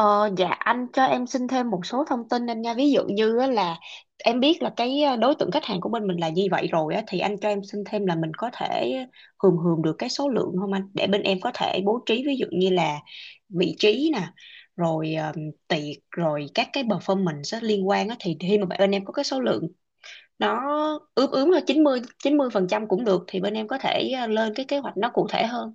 Ờ, dạ, anh cho em xin thêm một số thông tin anh nha. Ví dụ như á là em biết là cái đối tượng khách hàng của bên mình là như vậy rồi á, thì anh cho em xin thêm là mình có thể hườm hườm được cái số lượng không anh, để bên em có thể bố trí ví dụ như là vị trí nè, rồi tiệc, rồi các cái performance á, liên quan á, thì khi mà bên em có cái số lượng nó ướm ướm là chín mươi phần trăm cũng được thì bên em có thể lên cái kế hoạch nó cụ thể hơn.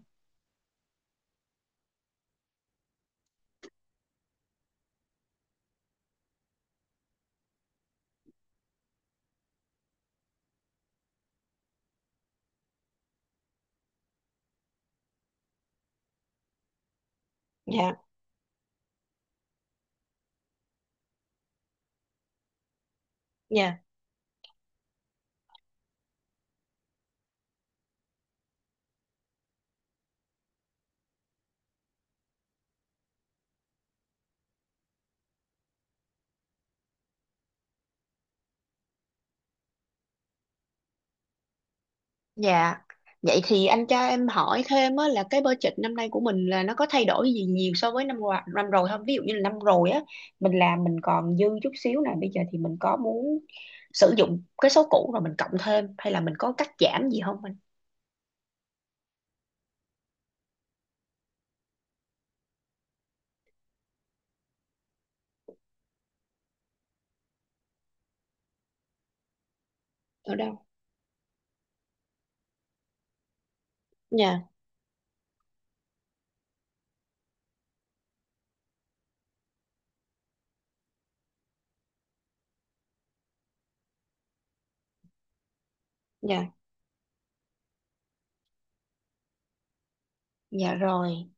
Dạ, dạ. Dạ, vậy thì anh cho em hỏi thêm á, là cái budget năm nay của mình là nó có thay đổi gì nhiều so với năm qua năm rồi không? Ví dụ như là năm rồi á, mình làm mình còn dư chút xíu nè, bây giờ thì mình có muốn sử dụng cái số cũ rồi mình cộng thêm hay là mình có cắt giảm gì không anh? Ở đâu? Dạ, dạ. Dạ rồi,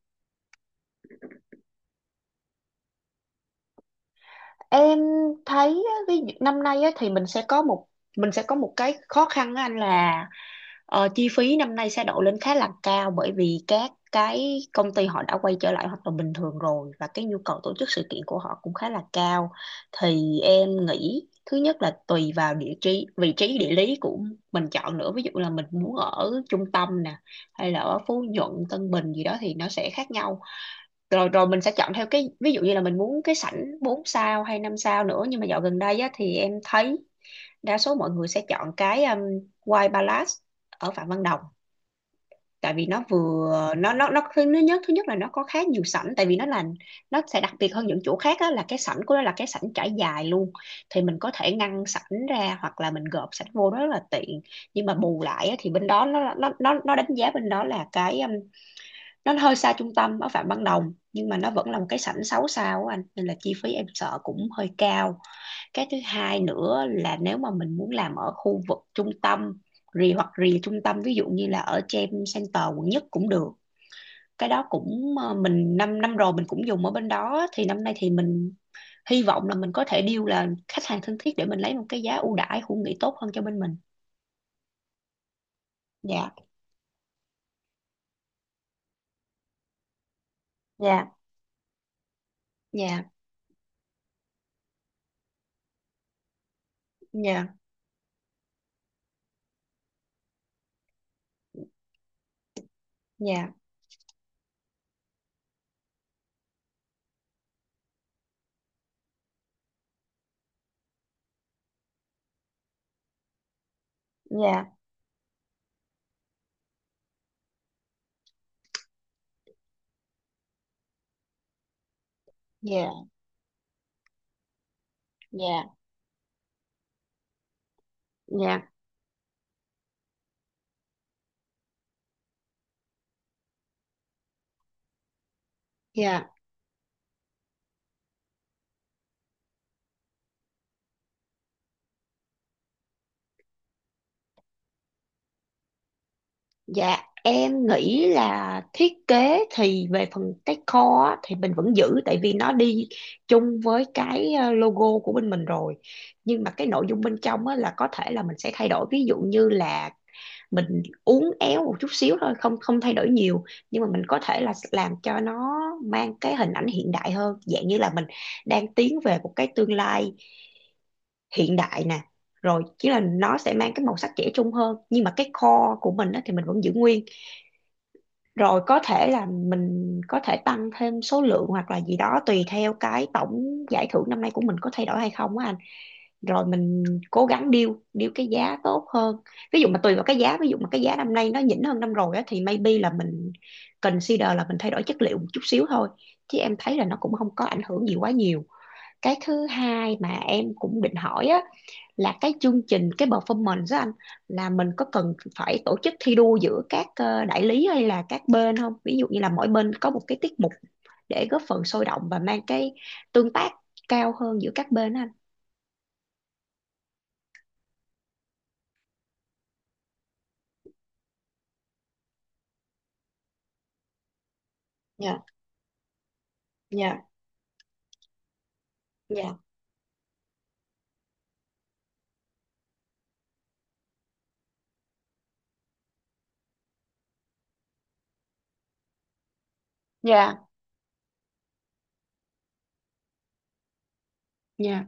em thấy á, ví dụ năm nay á, thì mình sẽ có một cái khó khăn á anh là chi phí năm nay sẽ đội lên khá là cao bởi vì các cái công ty họ đã quay trở lại hoạt động bình thường rồi và cái nhu cầu tổ chức sự kiện của họ cũng khá là cao. Thì em nghĩ thứ nhất là tùy vào địa trí, vị trí địa lý của mình chọn nữa. Ví dụ là mình muốn ở trung tâm nè hay là ở Phú Nhuận, Tân Bình gì đó thì nó sẽ khác nhau, rồi rồi mình sẽ chọn theo cái ví dụ như là mình muốn cái sảnh 4 sao hay 5 sao nữa, nhưng mà dạo gần đây á, thì em thấy đa số mọi người sẽ chọn cái White Palace ở Phạm Văn Đồng tại vì nó vừa nó thứ nhất là nó có khá nhiều sảnh, tại vì nó sẽ đặc biệt hơn những chỗ khác á, là cái sảnh của nó là cái sảnh trải dài luôn, thì mình có thể ngăn sảnh ra hoặc là mình gộp sảnh vô đó rất là tiện, nhưng mà bù lại á, thì bên đó nó đánh giá bên đó là cái nó hơi xa trung tâm ở Phạm Văn Đồng, nhưng mà nó vẫn là một cái sảnh 6 sao á anh, nên là chi phí em sợ cũng hơi cao. Cái thứ hai nữa là nếu mà mình muốn làm ở khu vực trung tâm rì hoặc rì trung tâm, ví dụ như là ở Gem Center quận nhất cũng được, cái đó cũng mình năm năm rồi mình cũng dùng ở bên đó, thì năm nay thì mình hy vọng là mình có thể deal là khách hàng thân thiết để mình lấy một cái giá ưu đãi khu nghỉ tốt hơn cho bên mình. Dạ, dạ, dạ, dạ, dạ, dạ, dạ, dạ. Dạ. Dạ em nghĩ là thiết kế thì về phần decor á, thì mình vẫn giữ tại vì nó đi chung với cái logo của bên mình rồi, nhưng mà cái nội dung bên trong á, là có thể là mình sẽ thay đổi, ví dụ như là mình uốn éo một chút xíu thôi, không không thay đổi nhiều, nhưng mà mình có thể là làm cho nó mang cái hình ảnh hiện đại hơn, dạng như là mình đang tiến về một cái tương lai hiện đại nè, rồi chứ là nó sẽ mang cái màu sắc trẻ trung hơn, nhưng mà cái core của mình á, thì mình vẫn giữ nguyên, rồi có thể là mình có thể tăng thêm số lượng hoặc là gì đó tùy theo cái tổng giải thưởng năm nay của mình có thay đổi hay không á anh, rồi mình cố gắng deal deal cái giá tốt hơn. Ví dụ mà tùy vào cái giá, ví dụ mà cái giá năm nay nó nhỉnh hơn năm rồi á thì maybe là mình consider là mình thay đổi chất liệu một chút xíu thôi, chứ em thấy là nó cũng không có ảnh hưởng gì quá nhiều. Cái thứ hai mà em cũng định hỏi á, là cái chương trình cái performance đó anh, là mình có cần phải tổ chức thi đua giữa các đại lý hay là các bên không, ví dụ như là mỗi bên có một cái tiết mục để góp phần sôi động và mang cái tương tác cao hơn giữa các bên đó anh. Dạ, dạ, dạ, dạ, dạ,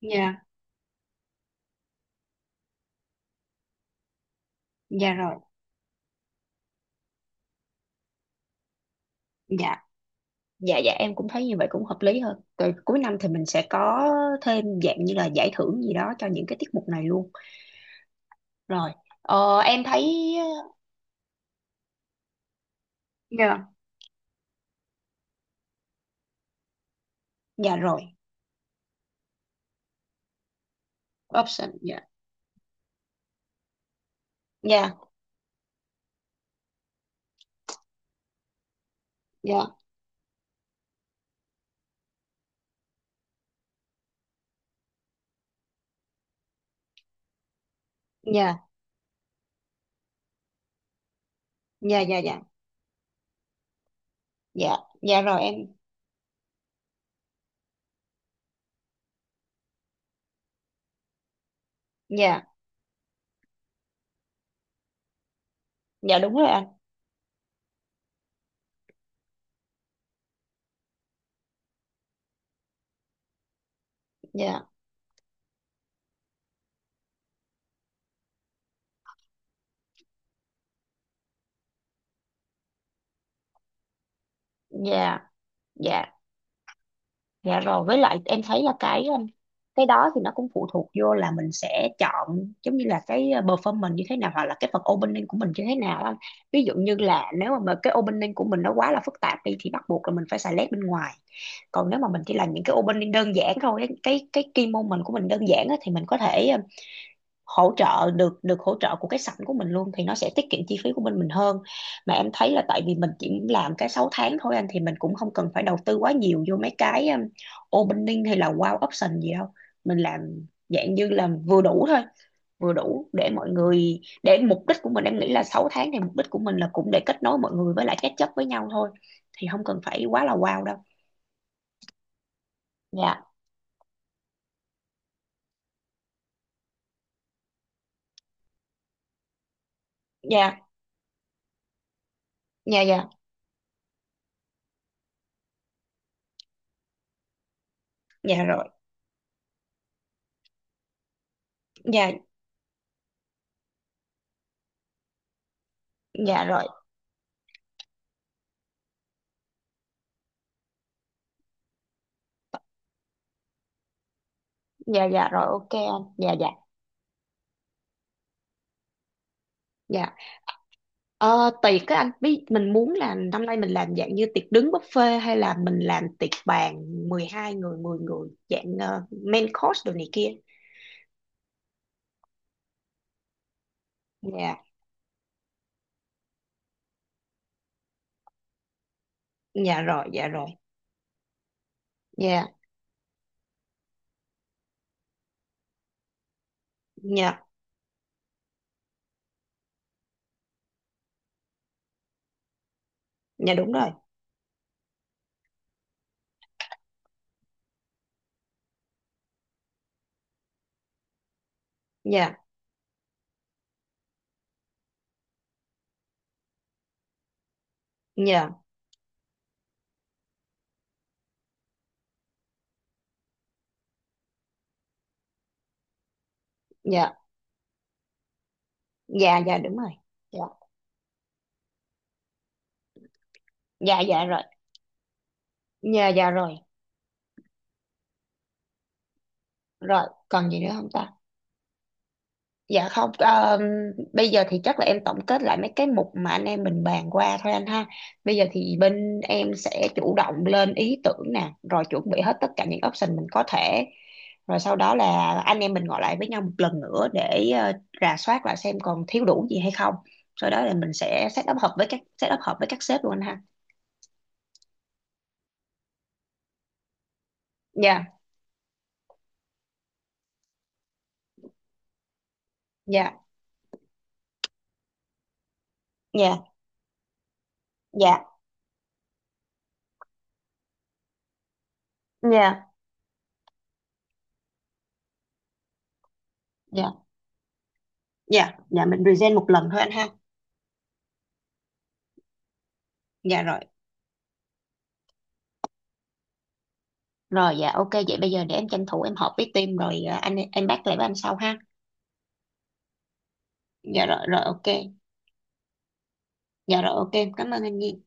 dạ, dạ rồi, dạ, dạ, dạ em cũng thấy như vậy cũng hợp lý hơn, rồi cuối năm thì mình sẽ có thêm dạng như là giải thưởng gì đó cho những cái tiết mục này luôn, rồi em thấy. Dạ, dạ rồi option dạ, dạ, dạ, dạ, dạ, dạ, dạ, dạ, dạ rồi em, dạ, dạ đúng rồi anh, dạ, dạ, dạ, dạ rồi với lại em thấy là cái đó thì nó cũng phụ thuộc vô là mình sẽ chọn giống như là cái performance như thế nào, hoặc là cái phần opening của mình như thế nào anh. Ví dụ như là nếu mà cái opening của mình nó quá là phức tạp đi thì bắt buộc là mình phải xài led bên ngoài, còn nếu mà mình chỉ làm những cái opening đơn giản thôi á, cái key moment của mình đơn giản á, thì mình có thể hỗ trợ được được hỗ trợ của cái sảnh của mình luôn, thì nó sẽ tiết kiệm chi phí của bên mình hơn. Mà em thấy là tại vì mình chỉ làm cái 6 tháng thôi anh, thì mình cũng không cần phải đầu tư quá nhiều vô mấy cái opening hay là wow option gì đâu, mình làm dạng như là vừa đủ thôi, vừa đủ để mọi người, để mục đích của mình em nghĩ là 6 tháng thì mục đích của mình là cũng để kết nối mọi người với lại catch up với nhau thôi, thì không cần phải quá là wow đâu. Dạ, dạ, dạ, dạ, dạ rồi, dạ, dạ rồi, dạ, dạ rồi ok anh, dạ, dạ, dạ. Ờ, Tiệc các anh biết mình muốn là năm nay mình làm dạng như tiệc đứng buffet hay là mình làm tiệc bàn 12 người 10 người dạng main course đồ này kia. Dạ, dạ rồi, dạ rồi. Dạ, dạ, dạ đúng rồi. Dạ, dạ, dạ, dạ dạ đúng rồi. Dạ, dạ dạ rồi. Dạ dạ rồi. Rồi, còn gì nữa không ta? Dạ không, bây giờ thì chắc là em tổng kết lại mấy cái mục mà anh em mình bàn qua thôi anh ha. Bây giờ thì bên em sẽ chủ động lên ý tưởng nè, rồi chuẩn bị hết tất cả những option mình có thể. Rồi sau đó là anh em mình ngồi lại với nhau một lần nữa để rà soát lại xem còn thiếu đủ gì hay không. Sau đó là mình sẽ set up hợp với các sếp luôn anh ha. Dạ, dạ, dạ, dạ, dạ, dạ, dạ, dạ mình present một lần thôi anh ha. Dạ rồi. Rồi dạ ok, vậy bây giờ để em tranh thủ em họp với team rồi à, anh em bắt lại với anh sau ha. Dạ rồi rồi ok. Dạ rồi ok, em cảm ơn anh Nhi.